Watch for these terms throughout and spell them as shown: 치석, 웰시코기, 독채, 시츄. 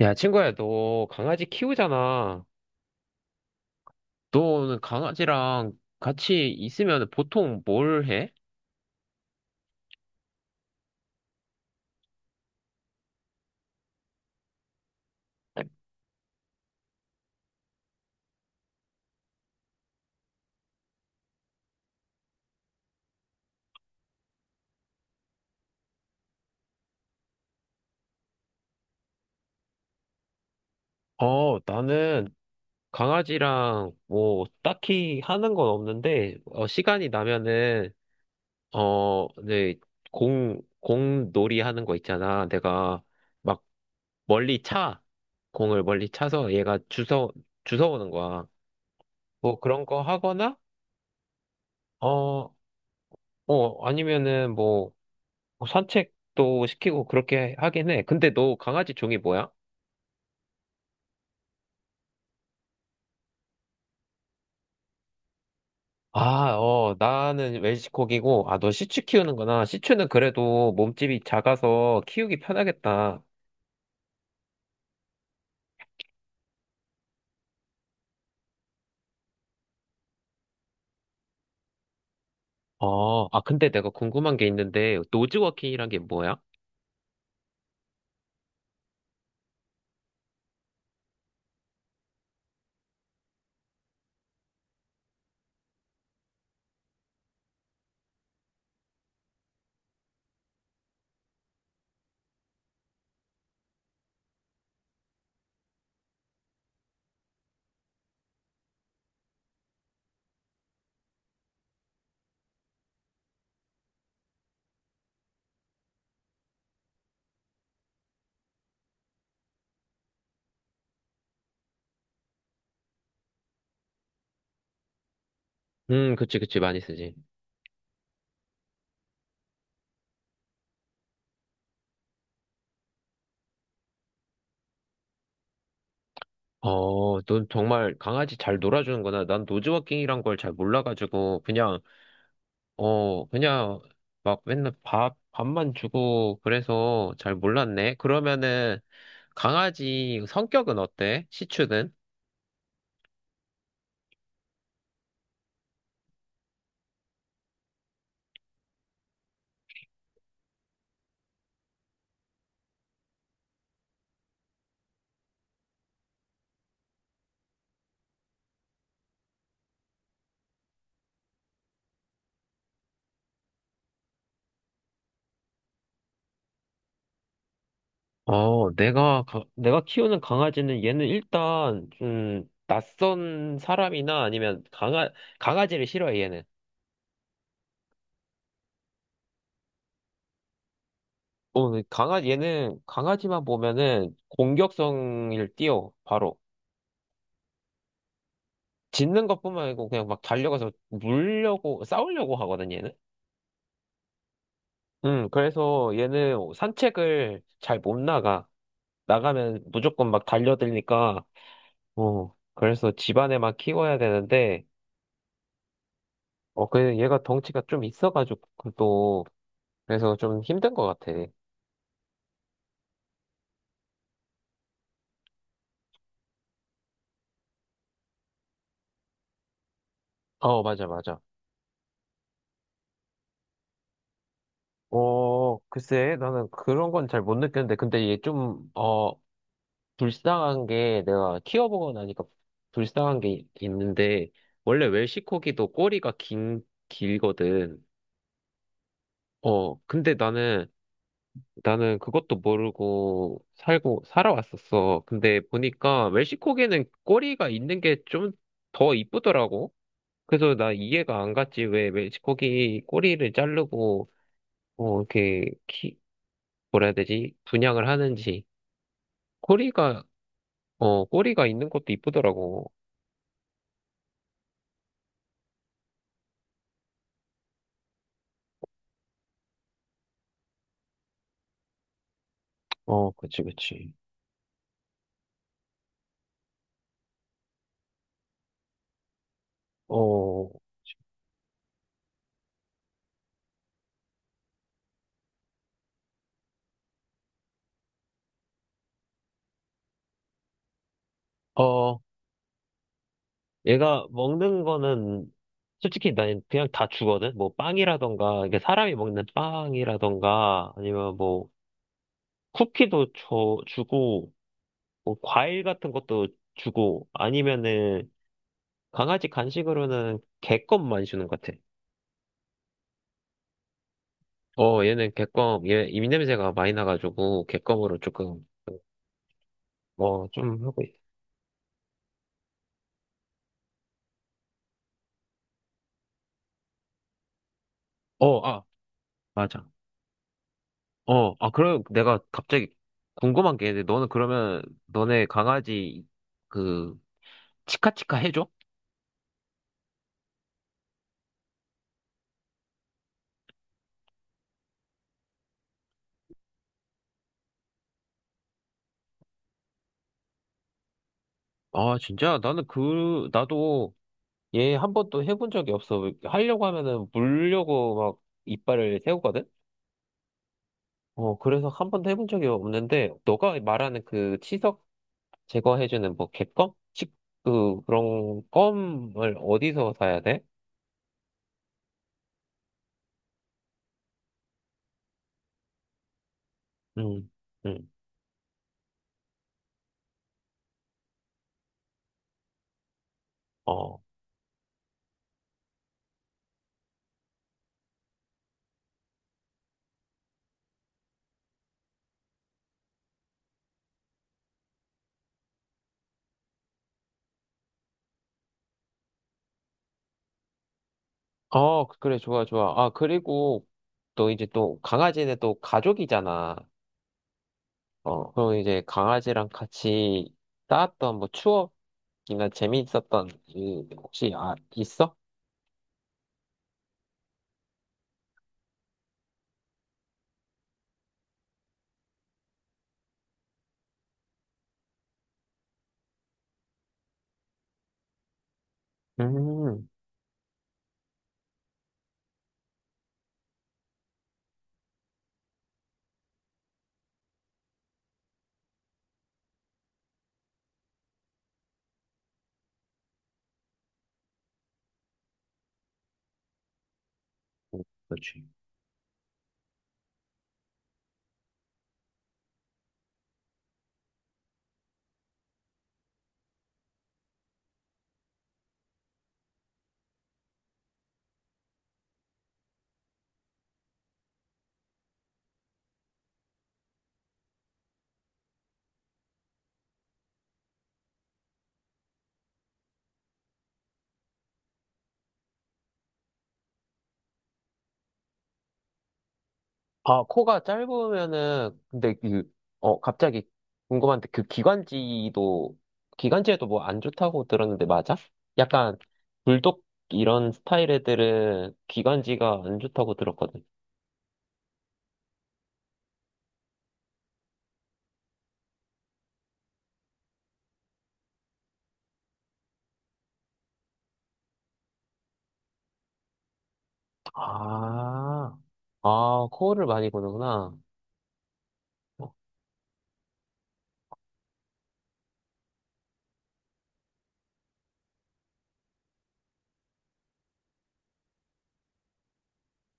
야, 친구야, 너 강아지 키우잖아. 너는 강아지랑 같이 있으면 보통 뭘 해? 나는 강아지랑 뭐 딱히 하는 건 없는데, 시간이 나면은, 네, 공놀이 하는 거 있잖아. 내가 막 멀리 차. 공을 멀리 차서 얘가 주워오는 거야. 뭐 그런 거 하거나, 어, 아니면은 뭐 산책도 시키고 그렇게 하긴 해. 근데 너 강아지 종이 뭐야? 아, 어, 나는 웰시코기고, 아, 너 시츄 키우는구나. 시츄는 그래도 몸집이 작아서 키우기 편하겠다. 어, 아, 근데 내가 궁금한 게 있는데, 노즈워킹이란 게 뭐야? 그치, 그치, 많이 쓰지. 어, 넌 정말 강아지 잘 놀아주는구나. 난 노즈워킹이란 걸 잘 몰라가지고, 그냥 그냥 막 맨날 밥만 주고 그래서 잘 몰랐네. 그러면은 강아지 성격은 어때? 시추는? 내가 키우는 강아지는 얘는 일단 좀 낯선 사람이나 아니면 강아지를 싫어해, 얘는. 얘는 강아지만 보면은 공격성을 띄워, 바로. 짖는 것뿐만 아니고 그냥 막 달려가서 물려고, 싸우려고 하거든, 얘는. 그래서 얘는 산책을 잘 못 나가. 나가면 무조건 막 달려들니까, 그래서 집안에만 키워야 되는데, 그 얘가 덩치가 좀 있어가지고, 또, 그래서 좀 힘든 것 같아. 어, 맞아, 맞아. 어, 글쎄, 나는 그런 건 잘 못 느꼈는데, 근데 얘 좀, 어, 불쌍한 게, 내가 키워보고 나니까 불쌍한 게 있는데, 원래 웰시코기도 꼬리가 길거든. 어, 근데 나는, 나는 그것도 모르고 살고 살아왔었어. 근데 보니까 멕시코계는 꼬리가 있는 게 좀 더 이쁘더라고. 그래서 나 이해가 안 갔지. 왜 멕시코기 꼬리를 자르고 어 이렇게 키 뭐라 해야 되지? 분양을 하는지. 꼬리가 꼬리가 있는 것도 이쁘더라고. 어, 그치, 그치. 어, 어, 얘가 먹는 거는 솔직히 난 그냥 다 주거든. 뭐 빵이라던가 이게 사람이 먹는 빵이라던가 아니면 뭐 쿠키도 줘 주고 뭐 과일 같은 것도 주고 아니면은 강아지 간식으로는 개껌만 주는 것 같아. 얘는 개껌 얘 입냄새가 많이 나가지고 개껌으로 조금 좀 하고 있어. 어 아 맞아. 그럼 내가 갑자기 궁금한 게 있는데 너는 그러면 너네 강아지 그 치카치카 해줘? 아, 진짜? 나도 얘 한 번도 해본 적이 없어. 하려고 하면은 물려고 막 이빨을 세우거든? 어, 그래서 한 번도 해본 적이 없는데, 너가 말하는 그 치석 제거해주는 뭐 객검? 그런 껌을 어디서 사야 돼? 응 응 어. 어, 그래, 좋아, 좋아. 아, 그리고 또 강아지는 또 가족이잖아. 어, 그럼 이제 강아지랑 같이 쌓았던 뭐 추억, 이나 재미있었던 일 혹시 아 있어? 음, 그렇지. 아 코가 짧으면은 근데 갑자기 궁금한데 그 기관지도 기관지에도 뭐 안 좋다고 들었는데 맞아? 약간 불독 이런 스타일 애들은 기관지가 안 좋다고 들었거든. 아, 아 코를 많이 고는구나.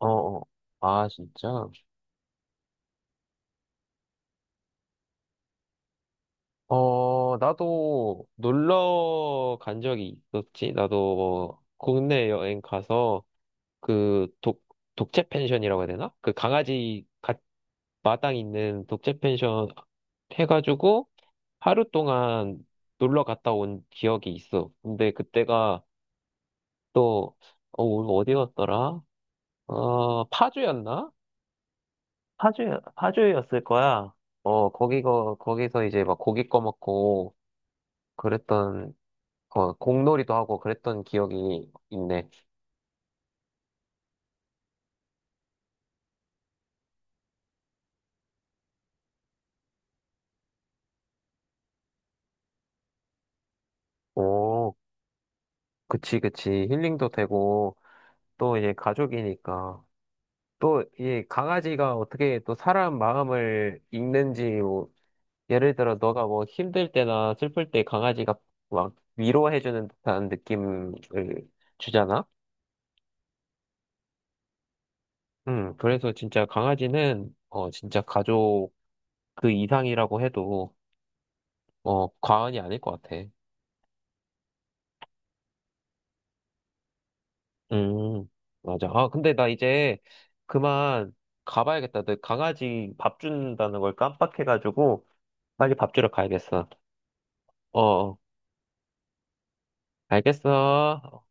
어, 어. 아 진짜? 어, 나도 놀러 간 적이 있었지. 나도 뭐 국내 여행 가서 그 독, 독채 펜션이라고 해야 되나? 마당 있는 독채 펜션 해가지고 하루 동안 놀러 갔다 온 기억이 있어. 근데 그때가 또, 어, 어디 갔더라? 어, 파주였나? 파주, 파주였을 거야. 어, 거기서 이제 막 고기 꺼먹고 그랬던 어, 공놀이도 하고 그랬던 기억이 있네. 오, 그치, 그치. 힐링도 되고, 또 이제 가족이니까. 또, 이 강아지가 어떻게 또 사람 마음을 읽는지, 뭐, 예를 들어, 너가 뭐 힘들 때나 슬플 때 강아지가 막 위로해주는 듯한 느낌을 주잖아? 그래서 진짜 강아지는, 어, 진짜 가족 그 이상이라고 해도, 어, 과언이 아닐 것 같아. 음, 맞아. 아, 근데 나 이제 그만 가봐야겠다. 내 강아지 밥 준다는 걸 깜빡해가지고 빨리 밥 주러 가야겠어. 어, 어. 알겠어.